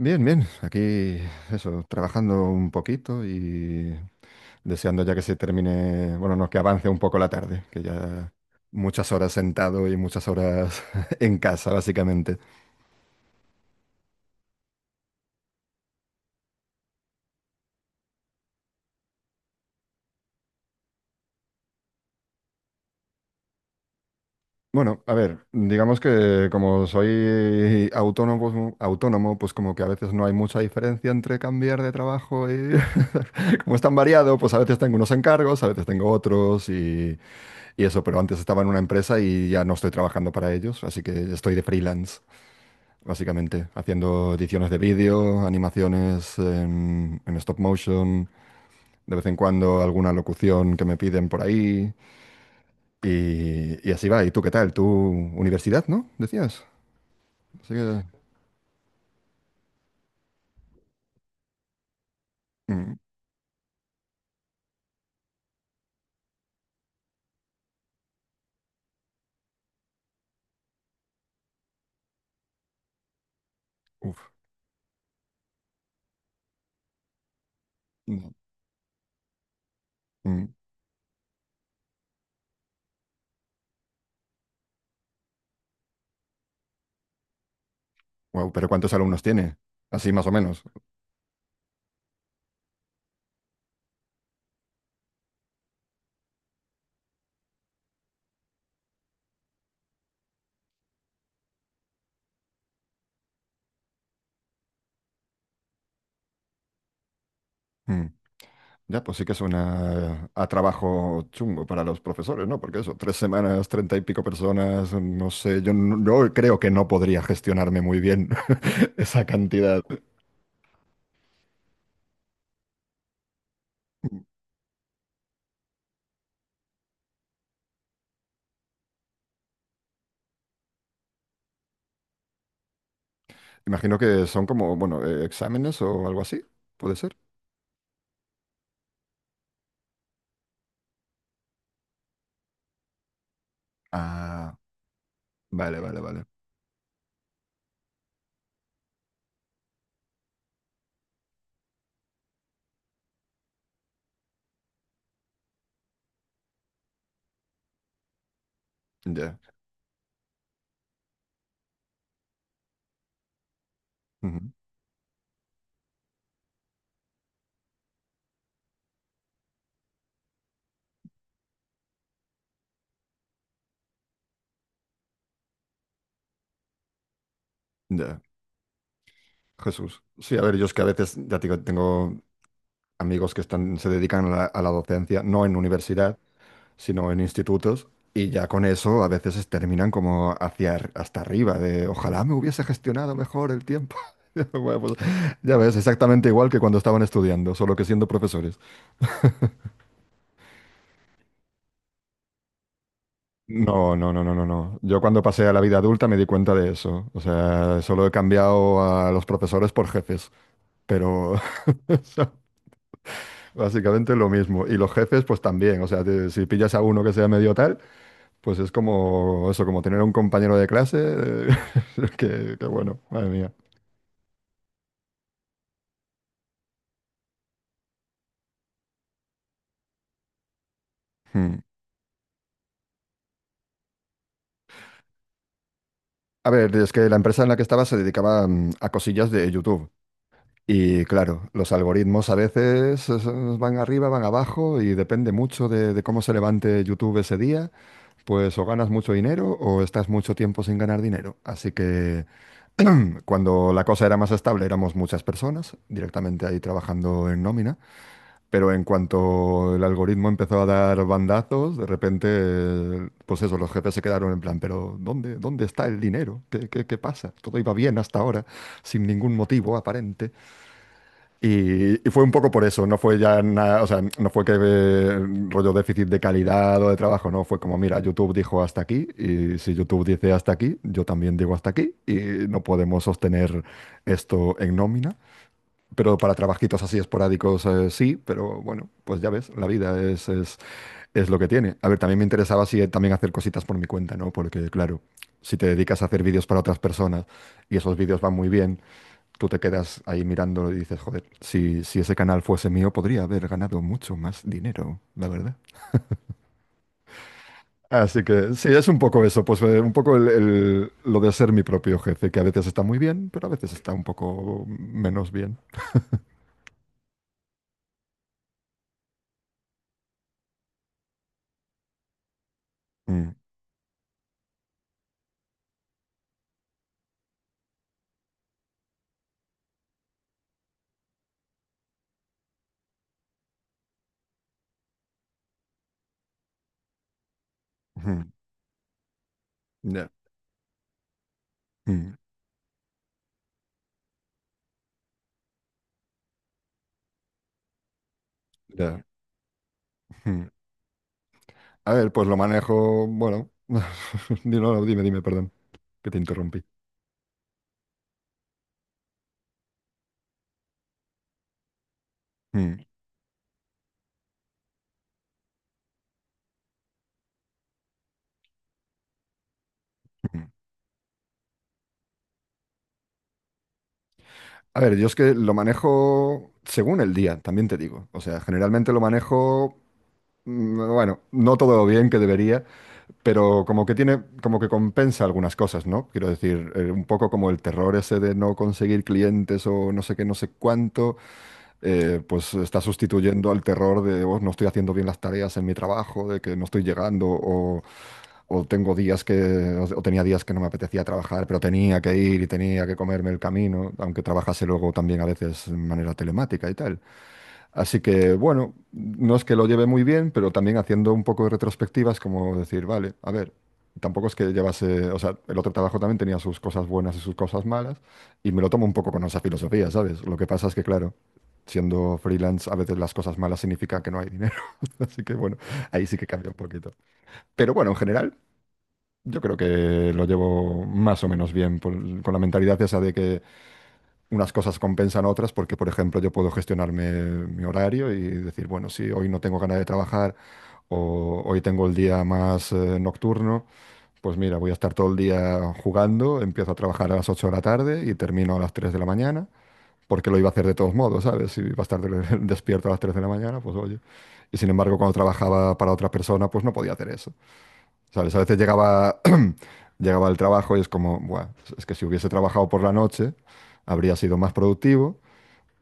Bien, bien. Aquí, eso, trabajando un poquito y deseando ya que se termine, bueno, no, que avance un poco la tarde, que ya muchas horas sentado y muchas horas en casa, básicamente. Bueno, a ver, digamos que como soy autónomo, autónomo, pues como que a veces no hay mucha diferencia entre cambiar de trabajo y como es tan variado, pues a veces tengo unos encargos, a veces tengo otros y eso, pero antes estaba en una empresa y ya no estoy trabajando para ellos, así que estoy de freelance, básicamente, haciendo ediciones de vídeo, animaciones en stop motion, de vez en cuando alguna locución que me piden por ahí, y así va. ¿Y tú qué tal? ¿Tu universidad, no? Decías. Así que... Mm. Uf. Mm. Mm. Pero ¿cuántos alumnos tiene? Así más o menos. Mm. Ya, pues sí que suena a trabajo chungo para los profesores, ¿no? Porque eso, 3 semanas, 30 y pico personas, no sé, yo creo que no podría gestionarme muy bien esa cantidad. Imagino que son como, bueno, exámenes o algo así, puede ser. Ah, vale, vale, vale. Ya. Ujú. Ya. Jesús. Sí, a ver, yo es que a veces, ya te digo, tengo amigos que están, se dedican a la docencia, no en universidad, sino en institutos, y ya con eso a veces terminan como hacia hasta arriba, de ojalá me hubiese gestionado mejor el tiempo. Bueno, pues, ya ves, exactamente igual que cuando estaban estudiando, solo que siendo profesores. No, no, no, no, no, no. Yo cuando pasé a la vida adulta me di cuenta de eso. O sea, solo he cambiado a los profesores por jefes, pero son básicamente lo mismo. Y los jefes, pues también. O sea, si pillas a uno que sea medio tal, pues es como eso, como tener un compañero de clase, que bueno, madre mía. Hmm. A ver, es que la empresa en la que estaba se dedicaba, a cosillas de YouTube. Y claro, los algoritmos a veces van arriba, van abajo y depende mucho de cómo se levante YouTube ese día, pues o ganas mucho dinero o estás mucho tiempo sin ganar dinero. Así que cuando la cosa era más estable éramos muchas personas directamente ahí trabajando en nómina, pero en cuanto el algoritmo empezó a dar bandazos, de repente, pues eso, los jefes se quedaron en plan, pero ¿dónde está el dinero? ¿Qué pasa? Todo iba bien hasta ahora, sin ningún motivo aparente. Y fue un poco por eso, no fue ya nada, o sea, no fue que rollo déficit de calidad o de trabajo, no, fue como, mira, YouTube dijo hasta aquí, y si YouTube dice hasta aquí, yo también digo hasta aquí, y no podemos sostener esto en nómina. Pero para trabajitos así esporádicos, sí, pero bueno, pues ya ves, la vida es lo que tiene. A ver, también me interesaba si también hacer cositas por mi cuenta, ¿no? Porque claro, si te dedicas a hacer vídeos para otras personas y esos vídeos van muy bien, tú te quedas ahí mirándolo y dices, joder, si ese canal fuese mío, podría haber ganado mucho más dinero, la verdad. Así que sí, es un poco eso, pues un poco lo de ser mi propio jefe, que a veces está muy bien, pero a veces está un poco menos bien. Mm. Ujú. Ya. Mm. Ya. Ujú. A ver, pues lo manejo, bueno, no, no, dime, dime, perdón, que te interrumpí. Mm. Ujú. A ver, yo es que lo manejo según el día, también te digo. O sea, generalmente lo manejo. Mm. Bueno, no todo lo bien que debería, pero como que tiene, como que compensa algunas cosas, ¿no? Quiero decir, un poco como el terror ese de no conseguir clientes o no sé qué, no sé cuánto, pues está sustituyendo al terror de "Oh, no estoy haciendo bien las tareas en mi trabajo", de que no estoy llegando o tengo días que, o tenía días que no me apetecía trabajar, pero tenía que ir y tenía que comerme el camino, aunque trabajase luego también a veces de manera telemática y tal. Así que, bueno, no es que lo lleve muy bien, pero también haciendo un poco de retrospectivas, como decir, vale, a ver, tampoco es que llevase, o sea, el otro trabajo también tenía sus cosas buenas y sus cosas malas, y me lo tomo un poco con esa filosofía, ¿sabes? Lo que pasa es que, claro, siendo freelance, a veces las cosas malas significa que no hay dinero, así que, bueno, ahí sí que cambia un poquito. Pero bueno, en general, yo creo que lo llevo más o menos bien con la mentalidad esa de que unas cosas compensan otras porque, por ejemplo, yo puedo gestionarme mi horario y decir, bueno, si hoy no tengo ganas de trabajar o hoy tengo el día más nocturno, pues mira, voy a estar todo el día jugando, empiezo a trabajar a las 8 de la tarde y termino a las 3 de la mañana, porque lo iba a hacer de todos modos, ¿sabes? Si iba a estar despierto a las 3 de la mañana, pues oye. Y sin embargo, cuando trabajaba para otra persona, pues no podía hacer eso. ¿Sabes? A veces llegaba, llegaba al trabajo y es como, buah, es que si hubiese trabajado por la noche, habría sido más productivo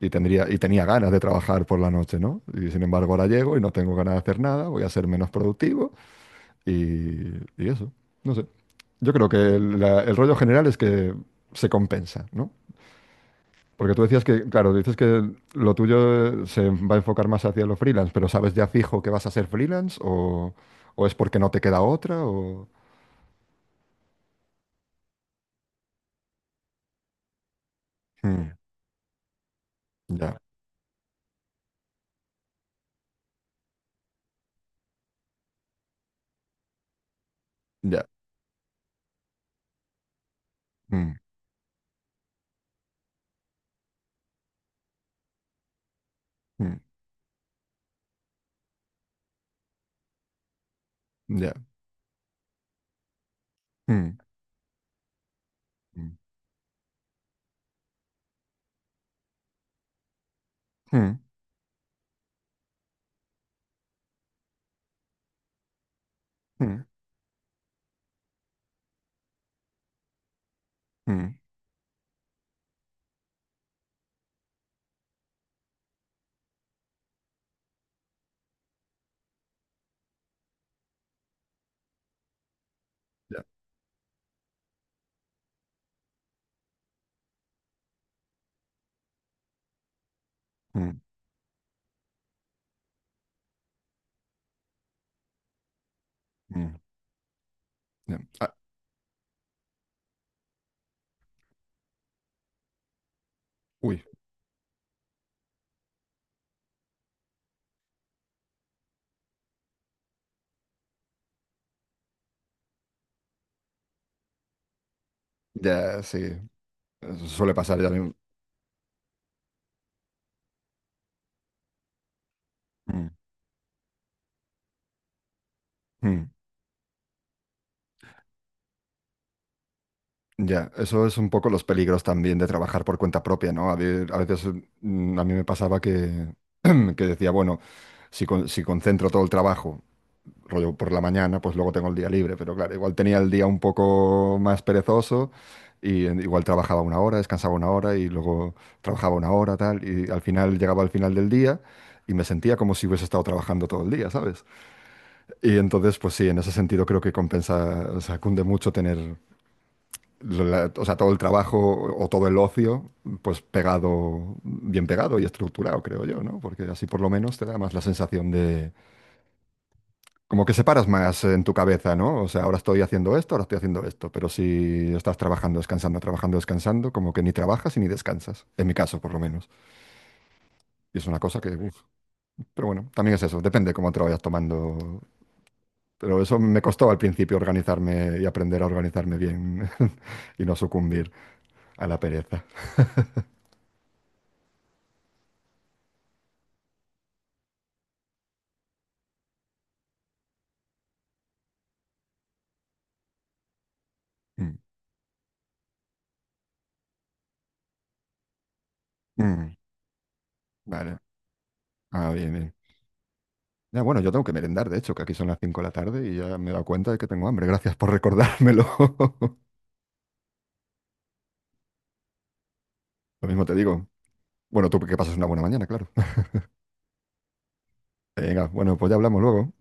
y tendría, y tenía ganas de trabajar por la noche, ¿no? Y sin embargo ahora llego y no tengo ganas de hacer nada, voy a ser menos productivo y eso, no sé. Yo creo que el rollo general es que se compensa, ¿no? Porque tú decías que, claro, dices que lo tuyo se va a enfocar más hacia lo freelance, pero ¿sabes ya fijo que vas a ser freelance o es porque no te queda otra o... Mm. Ya. Ya. Mm. Mm. Ya. Mm. Mm. Mm. Mm. Mm. Ya. Mm. Mm. Ya. Ah. Uy. Ya, sí, eso suele pasar ya. Mm. Mm. Mm. Ya, eso es un poco los peligros también de trabajar por cuenta propia, ¿no? A veces mm, a mí me pasaba que, que decía, bueno, si, si concentro todo el trabajo, rollo por la mañana, pues luego tengo el día libre, pero claro, igual tenía el día un poco más perezoso y igual trabajaba una hora, descansaba una hora y luego trabajaba una hora, tal, y al final llegaba al final del día y me sentía como si hubiese estado trabajando todo el día. Y entonces, pues sí, en ese sentido creo que compensa, o sea, cunde mucho tener, o sea, todo el trabajo o todo el ocio, pues pegado, bien pegado y estructurado, creo yo, ¿no? Porque así por lo menos te da más la sensación de, como que separas más en tu cabeza, ¿no? O sea, ahora estoy haciendo esto, ahora estoy haciendo esto, pero si estás trabajando, descansando, como que ni trabajas y ni descansas, en mi caso por lo menos. Y es una cosa que, uf, pero bueno, también es eso, depende cómo te lo vayas tomando. Pero eso me costó al principio organizarme y aprender a organizarme bien y no sucumbir a la pereza. Mm. Mm. Vale. Ah, bien, bien. Ya, bueno, yo tengo que merendar, de hecho, que aquí son las 5 de la tarde y ya me he dado cuenta de que tengo hambre. Gracias por recordármelo. Lo mismo te digo. Bueno, tú que pasas una buena mañana, claro. Venga, bueno, pues ya hablamos luego.